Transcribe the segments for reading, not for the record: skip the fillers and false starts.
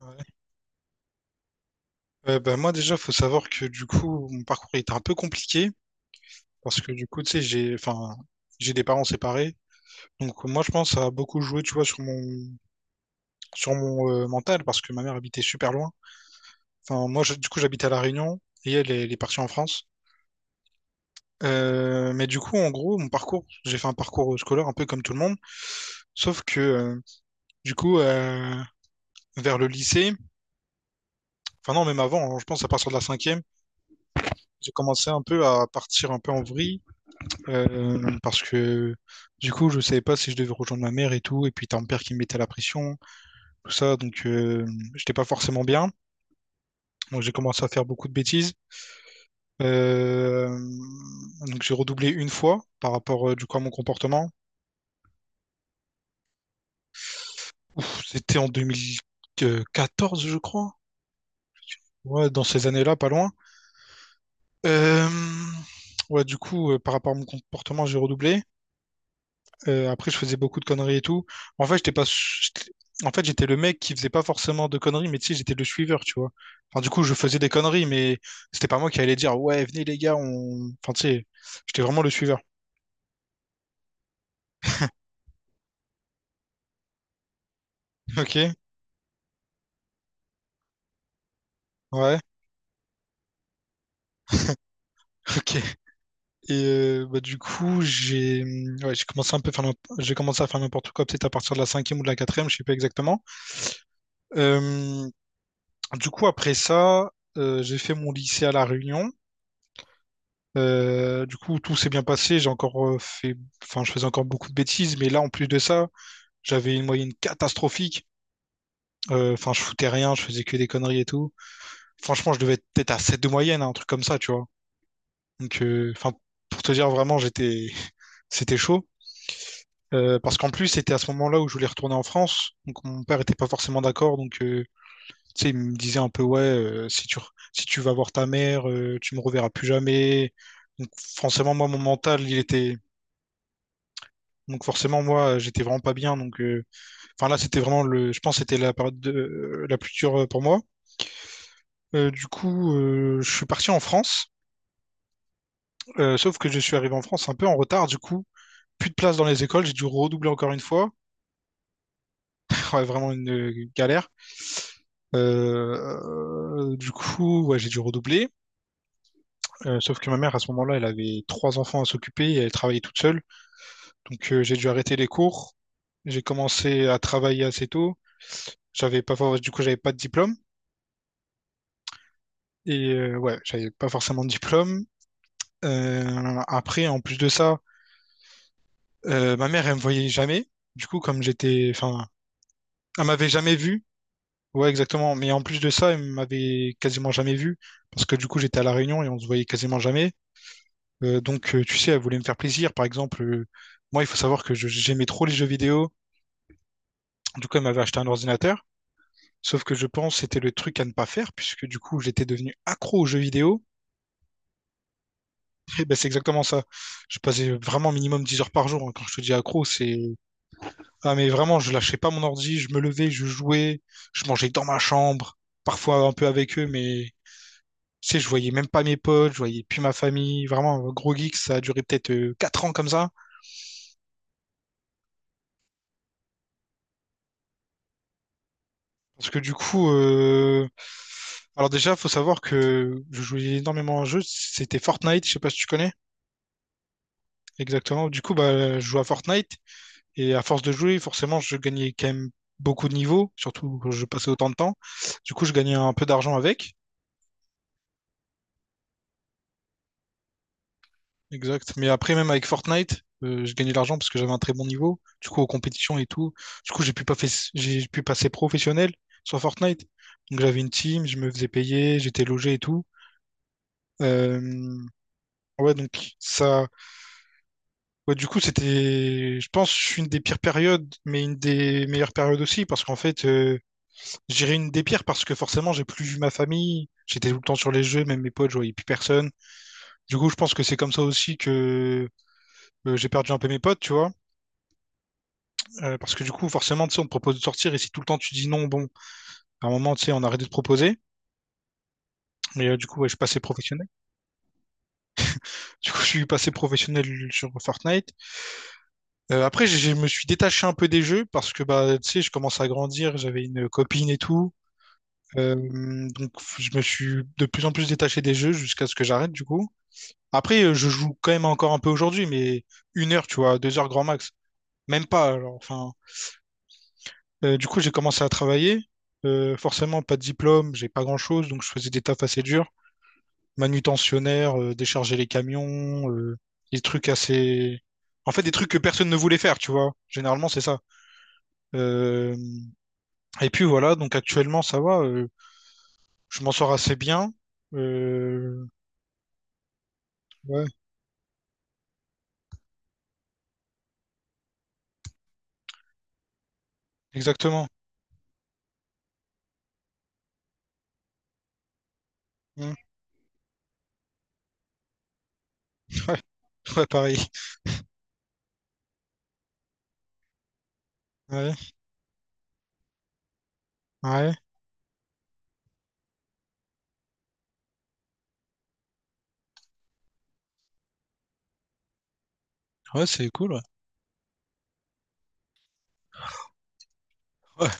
Ouais. Bah, moi déjà, faut savoir que du coup, mon parcours était un peu compliqué parce que du coup, tu sais, enfin, j'ai des parents séparés. Donc moi, je pense que ça a beaucoup joué, tu vois, sur mon mental parce que ma mère habitait super loin. Enfin, moi, du coup, j'habitais à La Réunion et elle, elle est partie en France. Mais du coup, en gros, mon parcours, j'ai fait un parcours scolaire un peu comme tout le monde. Sauf que, du coup, vers le lycée, enfin non, même avant, hein, je pense à partir de la cinquième, j'ai commencé un peu à partir un peu en vrille. Parce que, du coup, je savais pas si je devais rejoindre ma mère et tout. Et puis, t'as mon père qui me mettait la pression, tout ça. Donc, j'étais pas forcément bien. Donc, j'ai commencé à faire beaucoup de bêtises. Euh, donc, j'ai redoublé une fois par rapport, du coup, à mon comportement. Ouf, c'était en 2014, je crois. Ouais, dans ces années-là, pas loin. Euh, Ouais, du coup, par rapport à mon comportement, j'ai redoublé. Après, je faisais beaucoup de conneries et tout. En fait, j'étais pas... su- j'étais- En fait, j'étais le mec qui faisait pas forcément de conneries, mais tu sais, j'étais le suiveur, tu vois. Enfin, du coup, je faisais des conneries, mais c'était pas moi qui allais dire, ouais, venez les gars, on... Enfin, tu sais, j'étais vraiment le suiveur. Ok, ouais, ok. Et bah, du coup, ouais, j'ai commencé à faire n'importe quoi, peut-être à partir de la cinquième ou de la quatrième, je sais pas exactement. Euh, du coup, après ça, j'ai fait mon lycée à La Réunion. Du coup, tout s'est bien passé. J'ai encore fait, enfin, je faisais encore beaucoup de bêtises, mais là, en plus de ça, j'avais une moyenne catastrophique. Enfin, je foutais rien, je faisais que des conneries et tout. Franchement, je devais être peut-être à 7 de moyenne, hein, un truc comme ça, tu vois. Donc, enfin, pour te dire vraiment, j'étais, c'était chaud. Parce qu'en plus, c'était à ce moment-là où je voulais retourner en France. Donc mon père était pas forcément d'accord. Donc tu sais, il me disait un peu, ouais, si tu vas voir ta mère, tu me reverras plus jamais. Donc forcément, moi, mon mental, il était... Donc forcément, moi, j'étais vraiment pas bien. Donc enfin là, c'était vraiment le... Je pense que c'était la plus dure pour moi. Du coup, je suis parti en France. Sauf que je suis arrivé en France un peu en retard. Du coup, plus de place dans les écoles. J'ai dû redoubler encore une fois. Ouais, vraiment une galère. Du coup, ouais, j'ai dû redoubler. Sauf que ma mère, à ce moment-là, elle avait trois enfants à s'occuper et elle travaillait toute seule. Donc, j'ai dû arrêter les cours. J'ai commencé à travailler assez tôt. J'avais pas, for- Du coup, j'avais pas de diplôme. Et ouais, j'avais pas forcément de diplôme. Après, en plus de ça, ma mère, elle me voyait jamais. Du coup, comme j'étais, enfin, elle m'avait jamais vu. Ouais, exactement. Mais en plus de ça, il m'avait quasiment jamais vu parce que du coup, j'étais à La Réunion et on se voyait quasiment jamais. Donc, tu sais, elle voulait me faire plaisir. Par exemple, moi, il faut savoir que j'aimais trop les jeux vidéo. Du coup, elle m'avait acheté un ordinateur. Sauf que je pense que c'était le truc à ne pas faire puisque du coup, j'étais devenu accro aux jeux vidéo. Et ben, c'est exactement ça. Je passais vraiment minimum 10 heures par jour, hein. Quand je te dis accro, c'est... Ah, mais vraiment, je lâchais pas mon ordi. Je me levais, je jouais, je mangeais dans ma chambre, parfois un peu avec eux, mais tu sais, je voyais même pas mes potes, je voyais plus ma famille. Vraiment, un gros geek, ça a duré peut-être 4 ans comme ça. Parce que du coup, alors déjà, faut savoir que je jouais énormément à un jeu. C'était Fortnite, je sais pas si tu connais exactement. Du coup, bah, je jouais à Fortnite et à force de jouer, forcément, je gagnais quand même beaucoup de niveaux, surtout quand je passais autant de temps. Du coup, je gagnais un peu d'argent avec. Exact. Mais après, même avec Fortnite, je gagnais de l'argent parce que j'avais un très bon niveau. Du coup, aux compétitions et tout. Du coup, j'ai pu pas fait... j'ai pu passer professionnel sur Fortnite. Donc, j'avais une team, je me faisais payer, j'étais logé et tout. Euh, Ouais, donc ça. Ouais, du coup, c'était, je pense, une des pires périodes, mais une des meilleures périodes aussi, parce qu'en fait, je dirais une des pires parce que forcément, j'ai plus vu ma famille. J'étais tout le temps sur les jeux, même mes potes, je voyais plus personne. Du coup, je pense que c'est comme ça aussi que j'ai perdu un peu mes potes, tu vois. Parce que du coup, forcément, tu sais, on te propose de sortir et si tout le temps tu dis non, bon, à un moment, tu sais, on arrête de te proposer. Mais du coup, ouais, je suis passé professionnel. Du coup, je suis passé professionnel sur Fortnite. Après, je me suis détaché un peu des jeux parce que, bah, tu sais, je commence à grandir, j'avais une copine et tout. Euh, donc, je me suis de plus en plus détaché des jeux jusqu'à ce que j'arrête, du coup. Après, je joue quand même encore un peu aujourd'hui, mais 1 heure, tu vois, 2 heures grand max. Même pas, alors, enfin, du coup, j'ai commencé à travailler. Forcément, pas de diplôme, j'ai pas grand-chose, donc je faisais des tafs assez durs. Manutentionnaire, décharger les camions, des trucs assez... En fait, des trucs que personne ne voulait faire, tu vois. Généralement, c'est ça. Euh, Et puis voilà, donc actuellement, ça va. Je m'en sors assez bien. Euh, Ouais, exactement. Mm. Ouais, ouais, pareil. Ouais, ouais. Ouais, c'est cool. Ouais, ouais.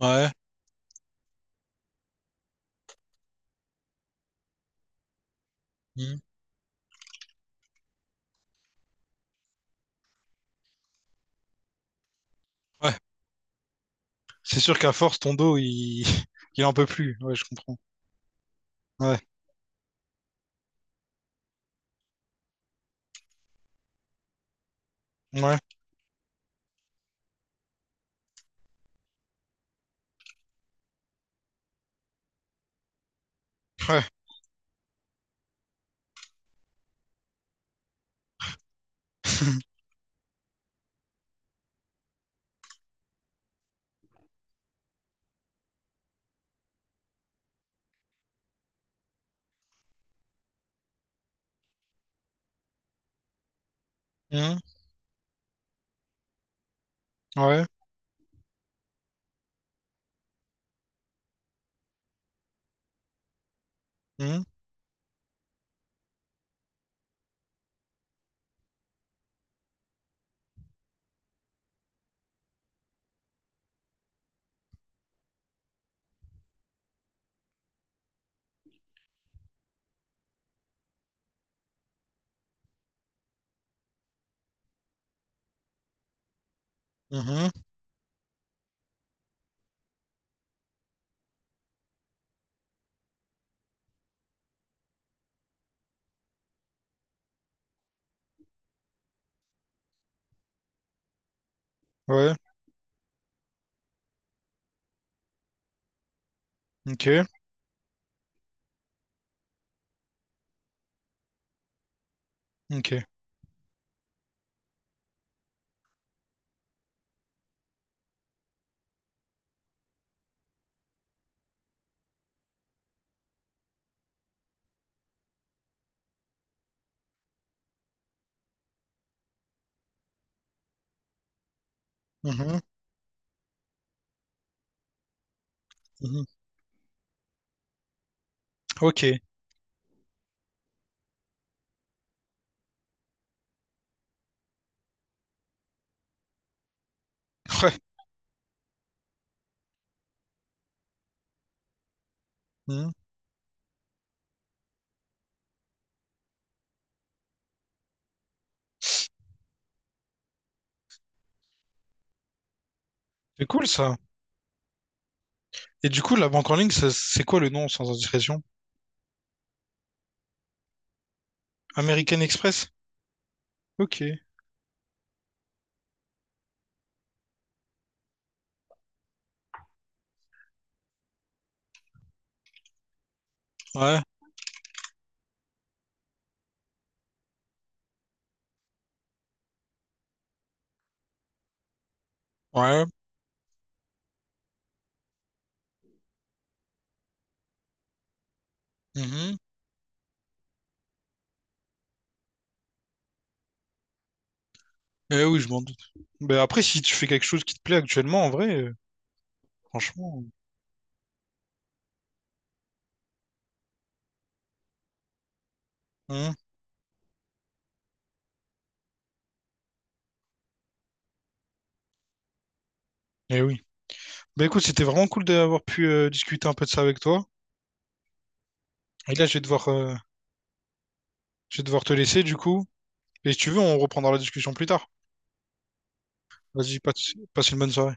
Ouais. Mm. Ouais. C'est sûr qu'à force, ton dos, il... il en peut plus. Ouais, je comprends. Ouais. Ouais. Ouais. Mhm. Ouais. Mhm. Mhm. Ouais. Ok. Ok. Mhm. Mhm. Ok. Ouais. Mhm. C'est cool ça. Et du coup, la banque en ligne, c'est quoi le nom sans indiscrétion? American Express? Ok. Ouais. Ouais. Mhm. Eh oui, je m'en doute. Ben après, si tu fais quelque chose qui te plaît actuellement, en vrai, franchement. Mhm. Eh oui. Ben écoute, c'était vraiment cool d'avoir pu discuter un peu de ça avec toi. Et là, je vais devoir te laisser du coup. Et si tu veux, on reprendra la discussion plus tard. Vas-y, passe une bonne soirée.